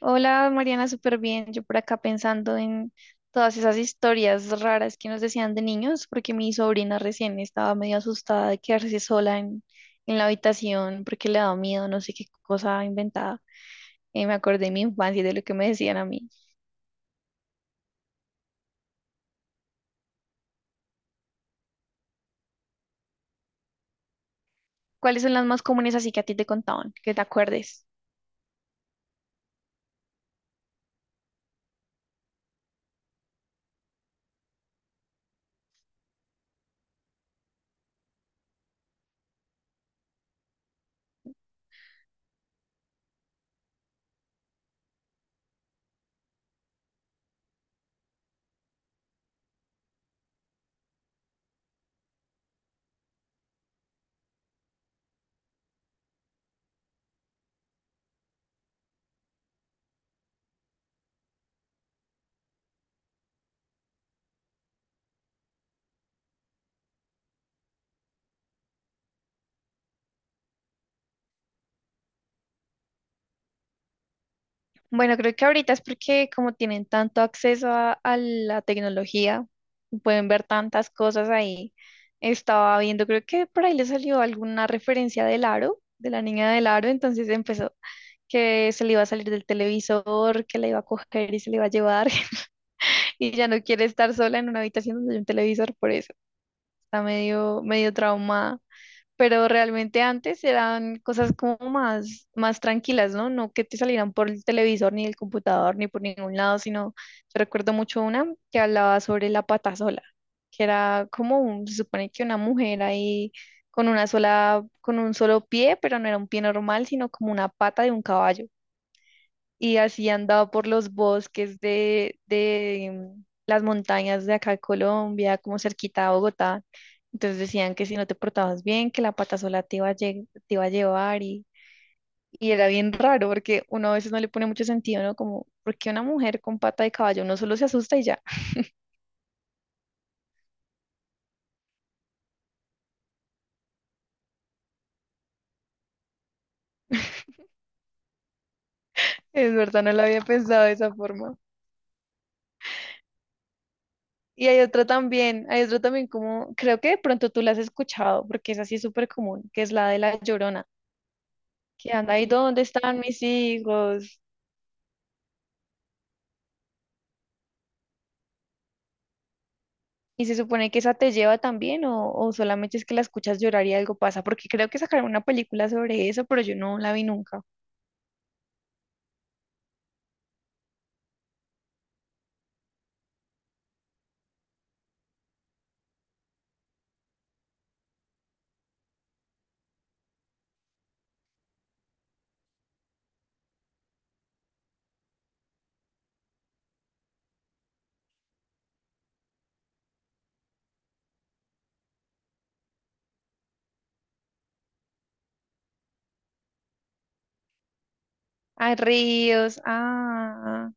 Hola Mariana, súper bien. Yo por acá pensando en todas esas historias raras que nos decían de niños, porque mi sobrina recién estaba medio asustada de quedarse sola en la habitación porque le daba miedo, no sé qué cosa inventada. Me acordé de mi infancia y de lo que me decían a mí. ¿Cuáles son las más comunes así que a ti te contaban, que te acuerdes? Bueno, creo que ahorita es porque como tienen tanto acceso a la tecnología, pueden ver tantas cosas ahí. Estaba viendo, creo que por ahí le salió alguna referencia del aro, de la niña del aro, entonces empezó que se le iba a salir del televisor, que la iba a coger y se le iba a llevar, y ya no quiere estar sola en una habitación donde hay un televisor, por eso está medio traumada. Pero realmente antes eran cosas como más tranquilas, ¿no? No que te salieran por el televisor, ni el computador, ni por ningún lado, sino yo recuerdo mucho una que hablaba sobre la pata sola, que era como se supone que una mujer ahí con una sola, con un solo pie, pero no era un pie normal, sino como una pata de un caballo y así andaba por los bosques de las montañas de acá de Colombia, como cerquita a Bogotá. Entonces decían que si no te portabas bien, que la pata sola te iba a te iba a llevar y era bien raro porque uno a veces no le pone mucho sentido, ¿no? Como, ¿por qué una mujer con pata de caballo? Uno solo se asusta y ya. Es verdad, no lo había pensado de esa forma. Y hay otra también como, creo que de pronto tú la has escuchado, porque es así súper común, que es la de la Llorona, que anda ahí, ¿dónde están mis hijos? ¿Y se supone que esa te lleva también o solamente es que la escuchas llorar y algo pasa? Porque creo que sacaron una película sobre eso, pero yo no la vi nunca. Ah, ríos, ah,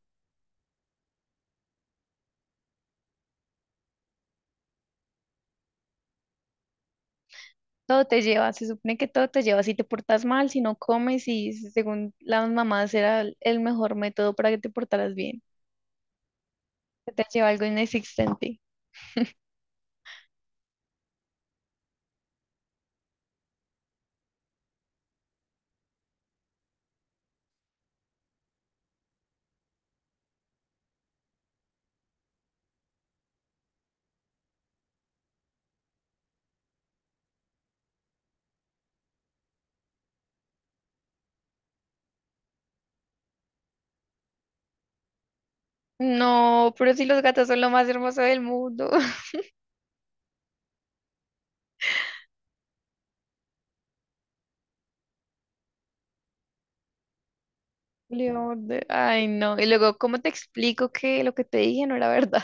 todo te lleva, se supone que todo te lleva. Si te portas mal, si no comes y según las mamás era el mejor método para que te portaras bien. Que te lleva algo inexistente. No, pero si los gatos son lo más hermoso del mundo. León, ay no. Y luego, ¿cómo te explico que lo que te dije no era verdad?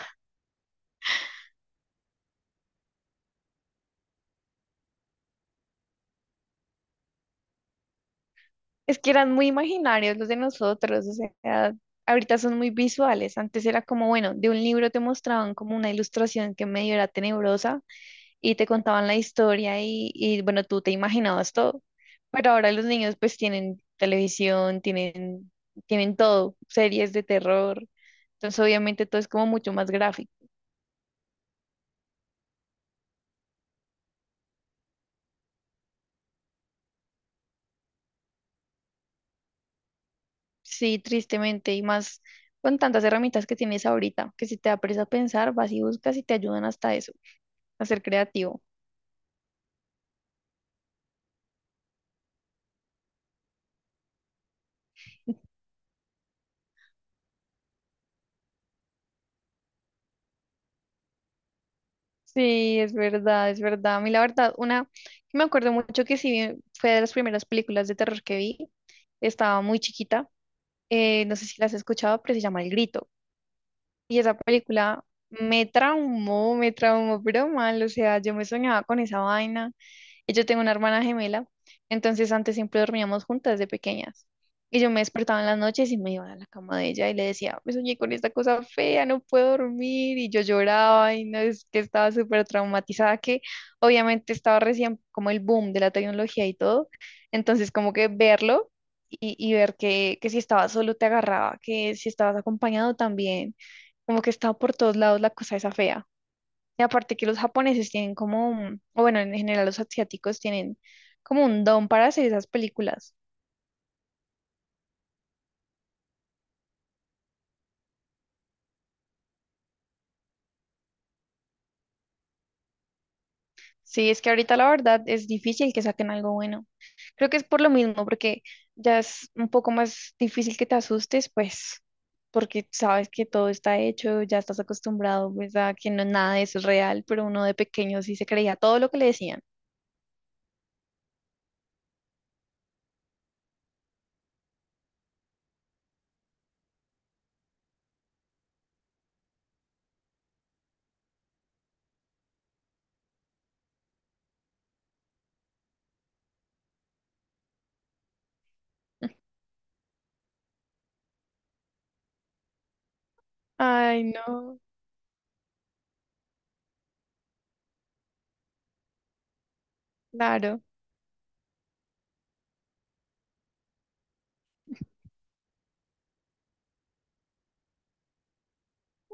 Es que eran muy imaginarios los de nosotros, o sea, ahorita son muy visuales. Antes era como, bueno, de un libro te mostraban como una ilustración que medio era tenebrosa y te contaban la historia y bueno, tú te imaginabas todo. Pero ahora los niños pues tienen televisión, tienen todo, series de terror. Entonces obviamente todo es como mucho más gráfico. Sí, tristemente, y más con tantas herramientas que tienes ahorita, que si te da a pensar, vas y buscas y te ayudan hasta eso, a ser creativo. Sí, es verdad, es verdad. A mí la verdad, una que me acuerdo mucho que fue de las primeras películas de terror que vi. Estaba muy chiquita. No sé si las has escuchado, pero se llama El Grito. Y esa película me traumó, pero mal, o sea, yo me soñaba con esa vaina. Y yo tengo una hermana gemela, entonces antes siempre dormíamos juntas de pequeñas. Y yo me despertaba en las noches y me iba a la cama de ella y le decía, me soñé con esta cosa fea, no puedo dormir. Y yo lloraba y no es que estaba súper traumatizada, que obviamente estaba recién como el boom de la tecnología y todo. Entonces como que verlo y ver que si estabas solo te agarraba, que si estabas acompañado también como que está por todos lados la cosa esa fea. Y aparte que los japoneses tienen como, o bueno, en general los asiáticos tienen como un don para hacer esas películas. Sí, es que ahorita la verdad es difícil que saquen algo bueno. Creo que es por lo mismo, porque ya es un poco más difícil que te asustes, pues, porque sabes que todo está hecho, ya estás acostumbrado, pues, a que no nada de eso es real, pero uno de pequeño sí se creía todo lo que le decían. Ay, no, claro,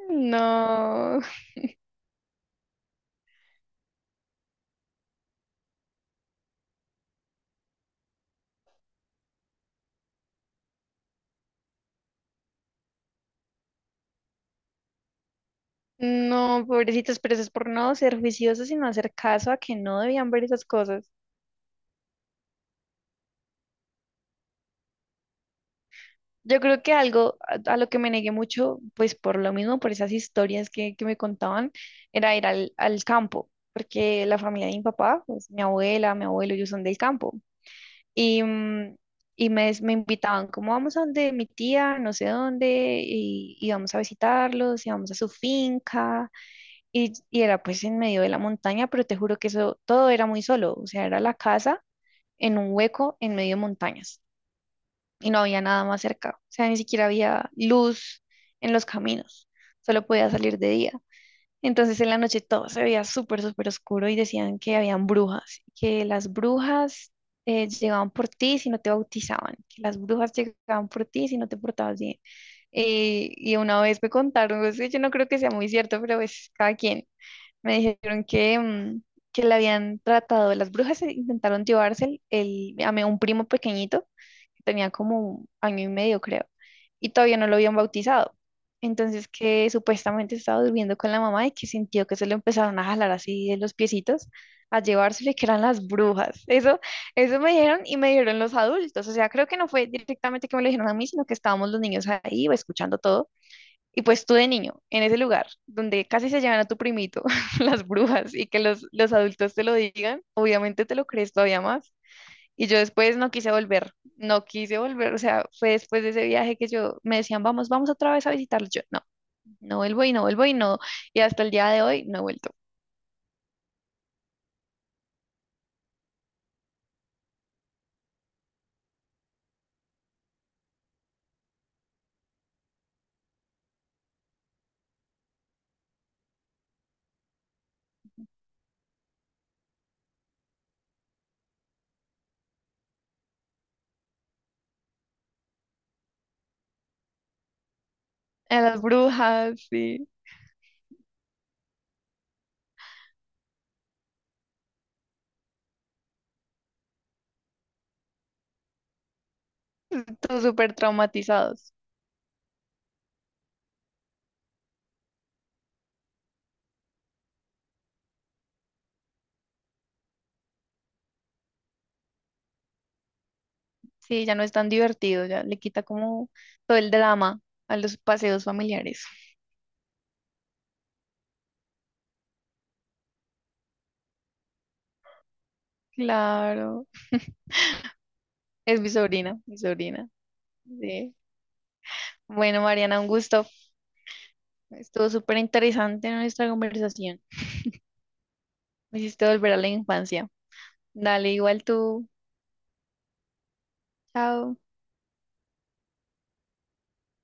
no. No, pobrecitos, pero eso es por no ser juiciosos y no hacer caso a que no debían ver esas cosas. Yo creo que algo a lo que me negué mucho, pues por lo mismo, por esas historias que me contaban, era ir al campo, porque la familia de mi papá, pues mi abuela, mi abuelo, ellos son del campo. Y, mm, y me invitaban, como vamos a donde mi tía, no sé dónde, y vamos a visitarlos, y vamos a su finca. Y era pues en medio de la montaña, pero te juro que eso todo era muy solo, o sea, era la casa en un hueco en medio de montañas y no había nada más cerca, o sea, ni siquiera había luz en los caminos, solo podía salir de día. Entonces en la noche todo se veía súper oscuro y decían que habían brujas, que las brujas llegaban por ti si no te bautizaban, que las brujas llegaban por ti si no te portabas bien. Y una vez me contaron, o sea, yo no creo que sea muy cierto, pero es cada quien me dijeron que la habían tratado, las brujas e intentaron llevarse un primo pequeñito, que tenía como un año y medio, creo, y todavía no lo habían bautizado. Entonces que supuestamente estaba durmiendo con la mamá y que sintió que se lo empezaron a jalar así de los piecitos, a llevárselo y que eran las brujas. Eso me dijeron y me dijeron los adultos. O sea, creo que no fue directamente que me lo dijeron a mí, sino que estábamos los niños ahí escuchando todo y pues tú de niño, en ese lugar donde casi se llevan a tu primito las brujas y que los adultos te lo digan, obviamente te lo crees todavía más. Y yo después no quise volver, no quise volver, o sea, fue después de ese viaje que yo me decían, vamos, vamos otra vez a visitarlo. Yo no, no vuelvo y no vuelvo y no. Y hasta el día de hoy no he vuelto. A las brujas, sí, todos súper traumatizados. Sí, ya no es tan divertido, ya le quita como todo el drama a los paseos familiares. Claro, es mi sobrina, mi sobrina. Sí. Bueno, Mariana, un gusto. Estuvo súper interesante nuestra conversación. Me hiciste volver a la infancia. Dale, igual tú. Chao.